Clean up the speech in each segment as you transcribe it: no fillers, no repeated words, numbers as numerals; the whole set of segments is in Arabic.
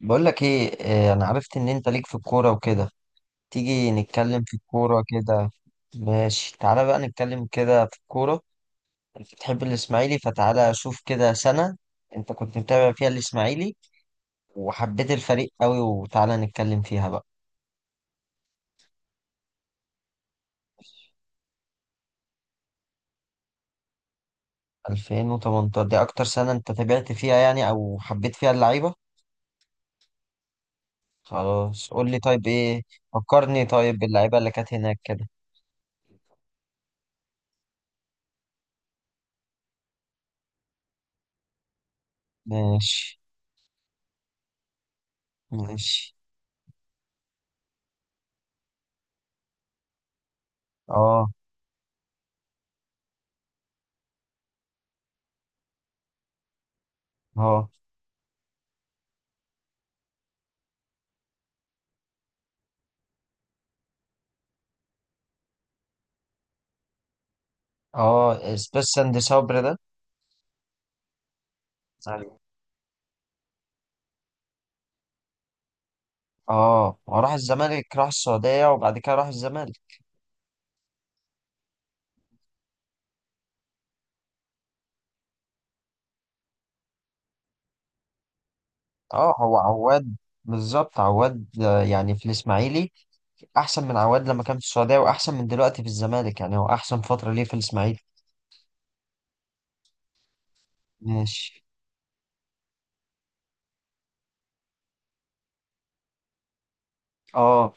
بقول لك ايه؟ انا عرفت ان انت ليك في الكوره وكده. تيجي نتكلم في الكوره كده. ماشي، تعالى بقى نتكلم كده في الكوره. انت بتحب الاسماعيلي فتعالى شوف كده سنه انت كنت متابع فيها الاسماعيلي وحبيت الفريق قوي وتعالى نتكلم فيها بقى. 2018 دي اكتر سنه انت تابعت فيها يعني او حبيت فيها اللعيبه؟ خلاص، قول لي طيب ايه. فكرني طيب باللعيبه اللي كانت هناك كده. ماشي. ماشي. اه. اه. اه اسبيس ساند صبري ده. ايوه. اه، هو راح الزمالك راح السعودية وبعد كده راح الزمالك. اه هو عواد. بالظبط عواد، يعني في الاسماعيلي احسن من عواد لما كان في السعودية واحسن من دلوقتي في الزمالك، يعني هو احسن فترة ليه في الاسماعيلي. ماشي. اه.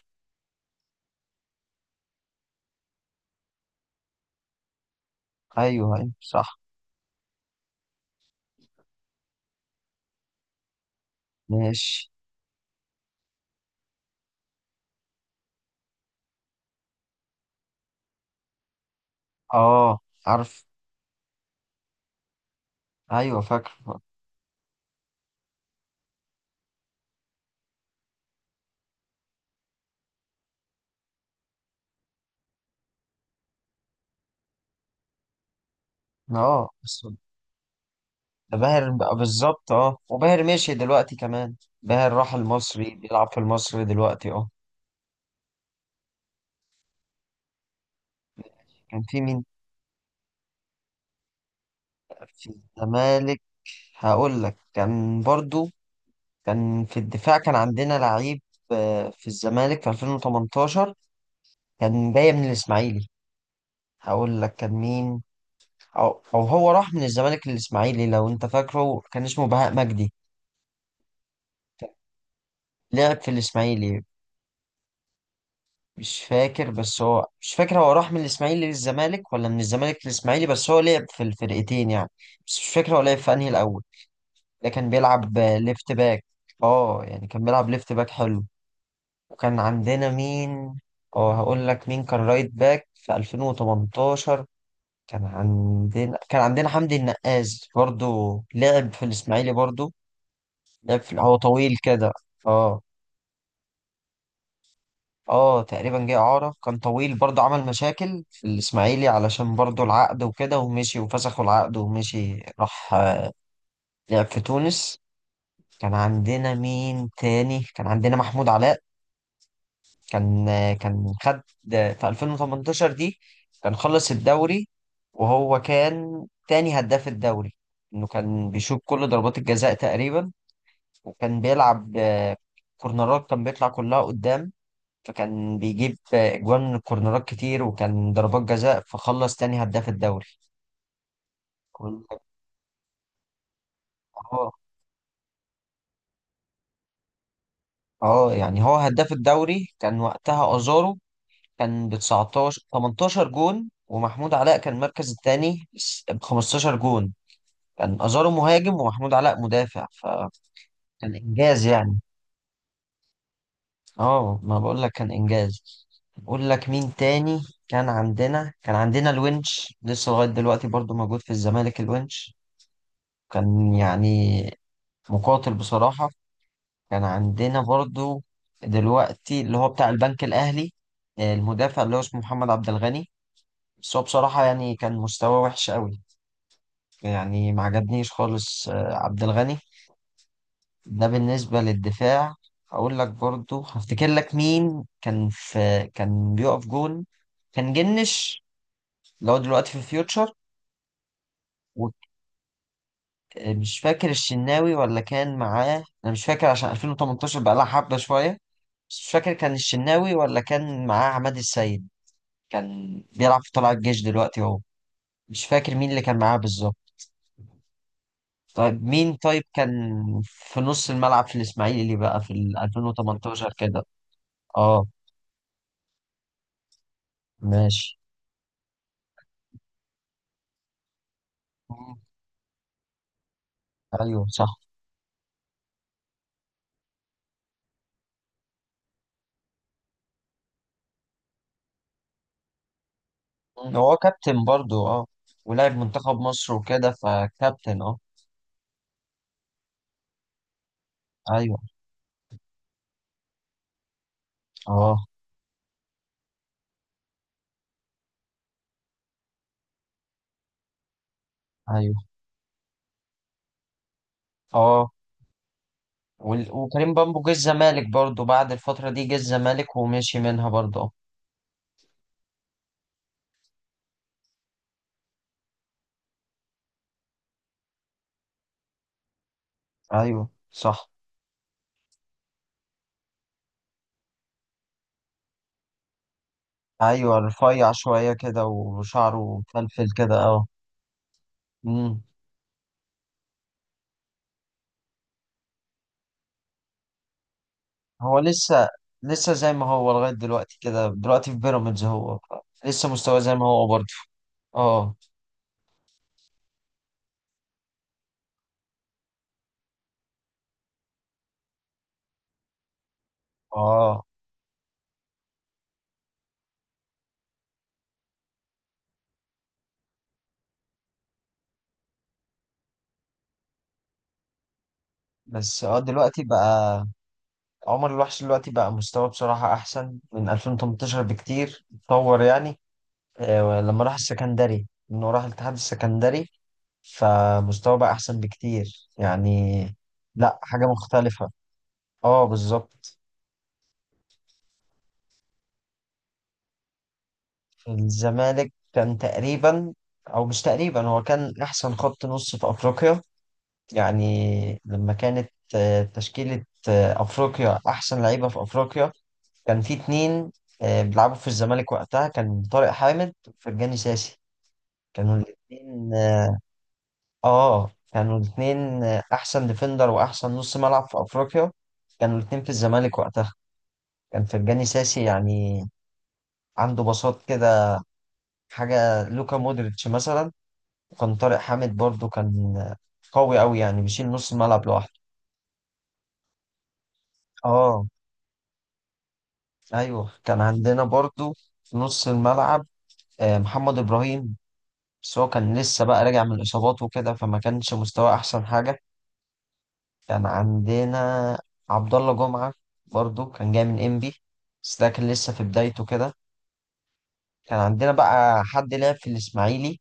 ايوه ايوه صح. ماشي. اه عارف. ايوه فاكر. اه بس. باهر بقى بالظبط اه، وباهر مشي دلوقتي كمان. باهر راح المصري، بيلعب في المصري دلوقتي اه. كان في مين في الزمالك؟ هقول لك. كان برضو كان في الدفاع، كان عندنا لعيب في الزمالك في 2018، كان جاي من الإسماعيلي. هقول لك كان مين. أو, أو هو راح من الزمالك للإسماعيلي لو أنت فاكره، كان اسمه بهاء مجدي. لعب في الإسماعيلي. مش فاكر، بس هو مش فاكر هو راح من الإسماعيلي للزمالك ولا من الزمالك للإسماعيلي، بس هو لعب في الفرقتين يعني. بس مش فاكر هو لعب في أنهي الأول. ده كان بيلعب ليفت باك. اه يعني كان بيلعب ليفت باك حلو. وكان عندنا مين؟ اه هقول لك مين كان رايت باك في 2018. كان عندنا كان عندنا حمدي النقاز، برضو لعب في الاسماعيلي. برضو لعب في، هو طويل كده اه. اه تقريبا جه اعاره، كان طويل برضو، عمل مشاكل في الاسماعيلي علشان برضو العقد وكده ومشي وفسخوا العقد ومشي، راح لعب في تونس. كان عندنا مين تاني؟ كان عندنا محمود علاء. كان كان خد في 2018 دي كان خلص الدوري وهو كان تاني هداف الدوري، انه كان بيشوط كل ضربات الجزاء تقريبا. وكان بيلعب كورنرات، كان بيطلع كلها قدام فكان بيجيب اجوان من الكورنرات كتير، وكان ضربات جزاء، فخلص تاني هداف الدوري. كنت- اه. اه يعني هو هداف الدوري كان وقتها ازارو، كان ب 19 18 جون ومحمود علاء كان المركز الثاني ب 15 جون. كان أزارو مهاجم ومحمود علاء مدافع فكان إنجاز يعني. اه ما بقول لك كان إنجاز. أقول لك مين تاني. كان عندنا كان عندنا الونش، لسه لغاية دلوقتي برضو موجود في الزمالك الونش. كان يعني مقاتل بصراحة. كان عندنا برضو دلوقتي اللي هو بتاع البنك الأهلي، المدافع اللي هو اسمه محمد عبد الغني. بس هو بصراحة يعني كان مستواه وحش قوي، يعني ما عجبنيش خالص عبد الغني. ده بالنسبة للدفاع. أقول لك برضو هفتكر لك مين كان في، كان بيقف جون كان جنش اللي هو دلوقتي في فيوتشر. ومش فاكر الشناوي ولا كان معاه، أنا مش فاكر عشان 2018 بقى لها حبة شوية. بس مش فاكر كان الشناوي ولا كان معاه عماد السيد. كان بيلعب في طلائع الجيش دلوقتي هو. مش فاكر مين اللي كان معاه بالظبط. طيب مين طيب كان في نص الملعب في الإسماعيلي بقى في ال 2018 كده؟ اه. ماشي. ايوه صح. مم، هو كابتن برضو اه. ولعب منتخب مصر وكده فكابتن اه. ايوه. اه. ايوه اه. وكريم بامبو جه الزمالك برضو، بعد الفترة دي جه الزمالك ومشي منها برضو اه. ايوه صح. ايوه رفيع شوية كده وشعره مفلفل كده اه. امم. هو لسه لسه زي ما هو لغاية دلوقتي كده، دلوقتي في بيراميدز هو لسه مستواه زي ما هو برضو. اه. اه بس اه دلوقتي بقى عمر الوحش دلوقتي بقى مستواه بصراحة أحسن من 2018 بكتير، اتطور يعني. لما راح السكندري، إنه راح الاتحاد السكندري، فمستواه بقى أحسن بكتير يعني. لأ، حاجة مختلفة. اه بالظبط. في الزمالك كان تقريبا، أو مش تقريبا، هو كان أحسن خط نص في أفريقيا يعني. لما كانت تشكيلة أفريقيا أحسن لعيبة في أفريقيا، كان في اتنين بيلعبوا في الزمالك وقتها، كان طارق حامد وفرجاني ساسي. كانوا الاتنين اه. كانوا الاتنين احسن ديفندر واحسن نص ملعب في افريقيا. كانوا الاتنين في الزمالك وقتها. كان فرجاني ساسي يعني عنده بساط كده، حاجة لوكا مودريتش مثلا. وكان طارق حامد برضو كان قوي قوي، يعني بيشيل نص الملعب لوحده. اه ايوه كان عندنا برضو في نص الملعب محمد ابراهيم، بس هو كان لسه بقى راجع من الإصابات وكده فما كانش مستواه أحسن حاجة. كان عندنا عبد الله جمعة، برضو كان جاي من إنبي، بس ده كان لسه في بدايته كده. كان عندنا بقى حد لعب في الإسماعيلي،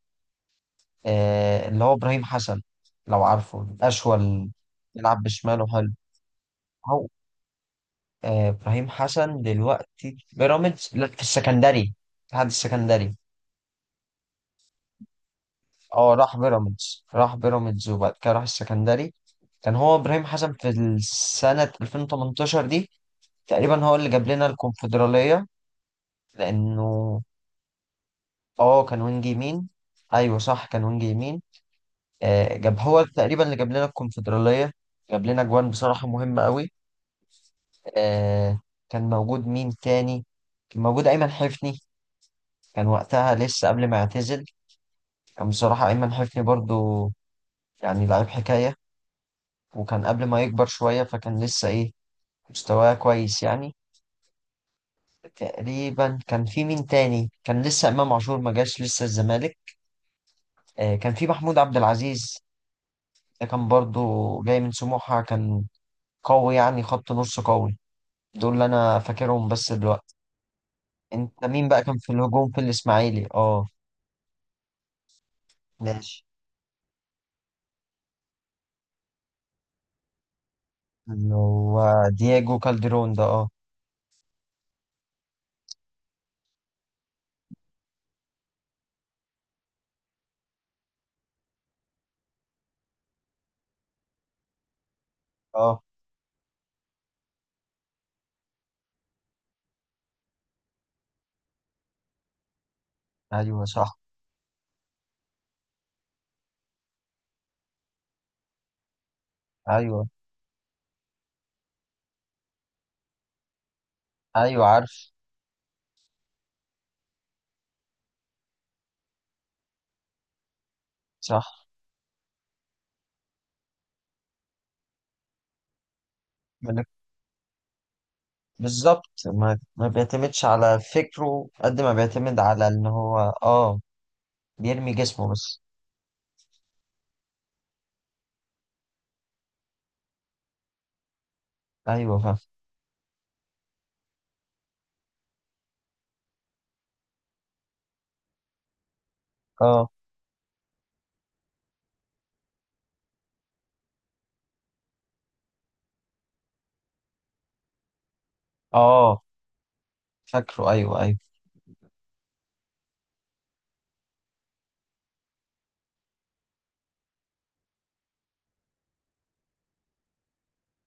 آه اللي هو إبراهيم حسن، لو عارفه أشول، بيلعب بشماله حلو هو. آه إبراهيم حسن دلوقتي في بيراميدز، لا في السكندري، في الاتحاد السكندري. اه راح بيراميدز، راح بيراميدز وبعد كده راح السكندري. كان هو ابراهيم حسن في السنة 2018 دي تقريبا هو اللي جاب لنا الكونفدرالية، لأنه اه كان وينج يمين. أيوه صح كان وينج يمين. آه، جاب هو تقريبا اللي جاب لنا الكونفدرالية، جاب لنا جوان بصراحة مهمة قوي. آه، كان موجود مين تاني؟ كان موجود أيمن حفني. كان وقتها لسه قبل ما يعتزل، كان بصراحة أيمن حفني برضو يعني لعيب حكاية، وكان قبل ما يكبر شوية، فكان لسه مستواه كويس يعني. تقريبا كان في مين تاني؟ كان لسه امام عاشور ما جاش لسه الزمالك. كان في محمود عبد العزيز، ده كان برضو جاي من سموحة، كان قوي يعني، خط نص قوي. دول اللي انا فاكرهم بس دلوقتي. انت مين بقى كان في الهجوم في الاسماعيلي اه؟ ماشي. اللي هو دياجو كالدرون ده اه. اه ايوه صح. ايوه. ايوه عارف. صح. من- بالظبط، ما بيعتمدش على فكره قد ما بيعتمد على ان هو اه بيرمي جسمه بس. ايوه فاهم. اه. اه فاكره ايوه ايوه.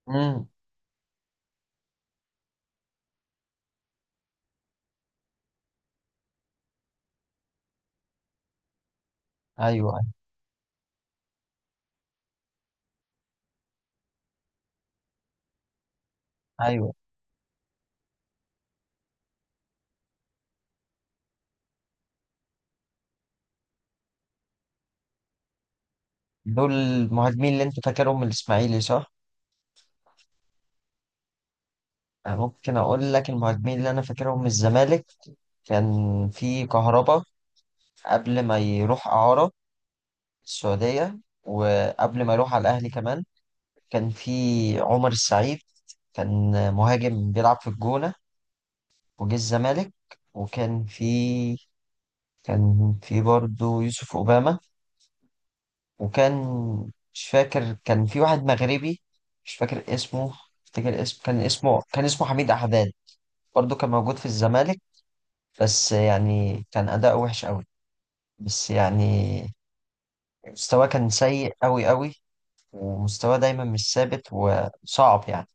امم. ايوه ايوه. أيوة. دول المهاجمين اللي انت فاكرهم من الاسماعيلي صح؟ أنا ممكن اقول لك المهاجمين اللي انا فاكرهم من الزمالك. كان في كهربا قبل ما يروح اعاره السعوديه، وقبل ما يروح على الاهلي كمان. كان في عمر السعيد، كان مهاجم بيلعب في الجونه وجه الزمالك. وكان في، كان في برضه يوسف اوباما. وكان، مش فاكر، كان في واحد مغربي مش فاكر اسمه، افتكر اسمه كان اسمه حميد أحداد، برضه كان موجود في الزمالك، بس يعني كان أداؤه وحش قوي. بس يعني مستواه كان سيء قوي قوي، ومستواه دايما مش ثابت وصعب يعني.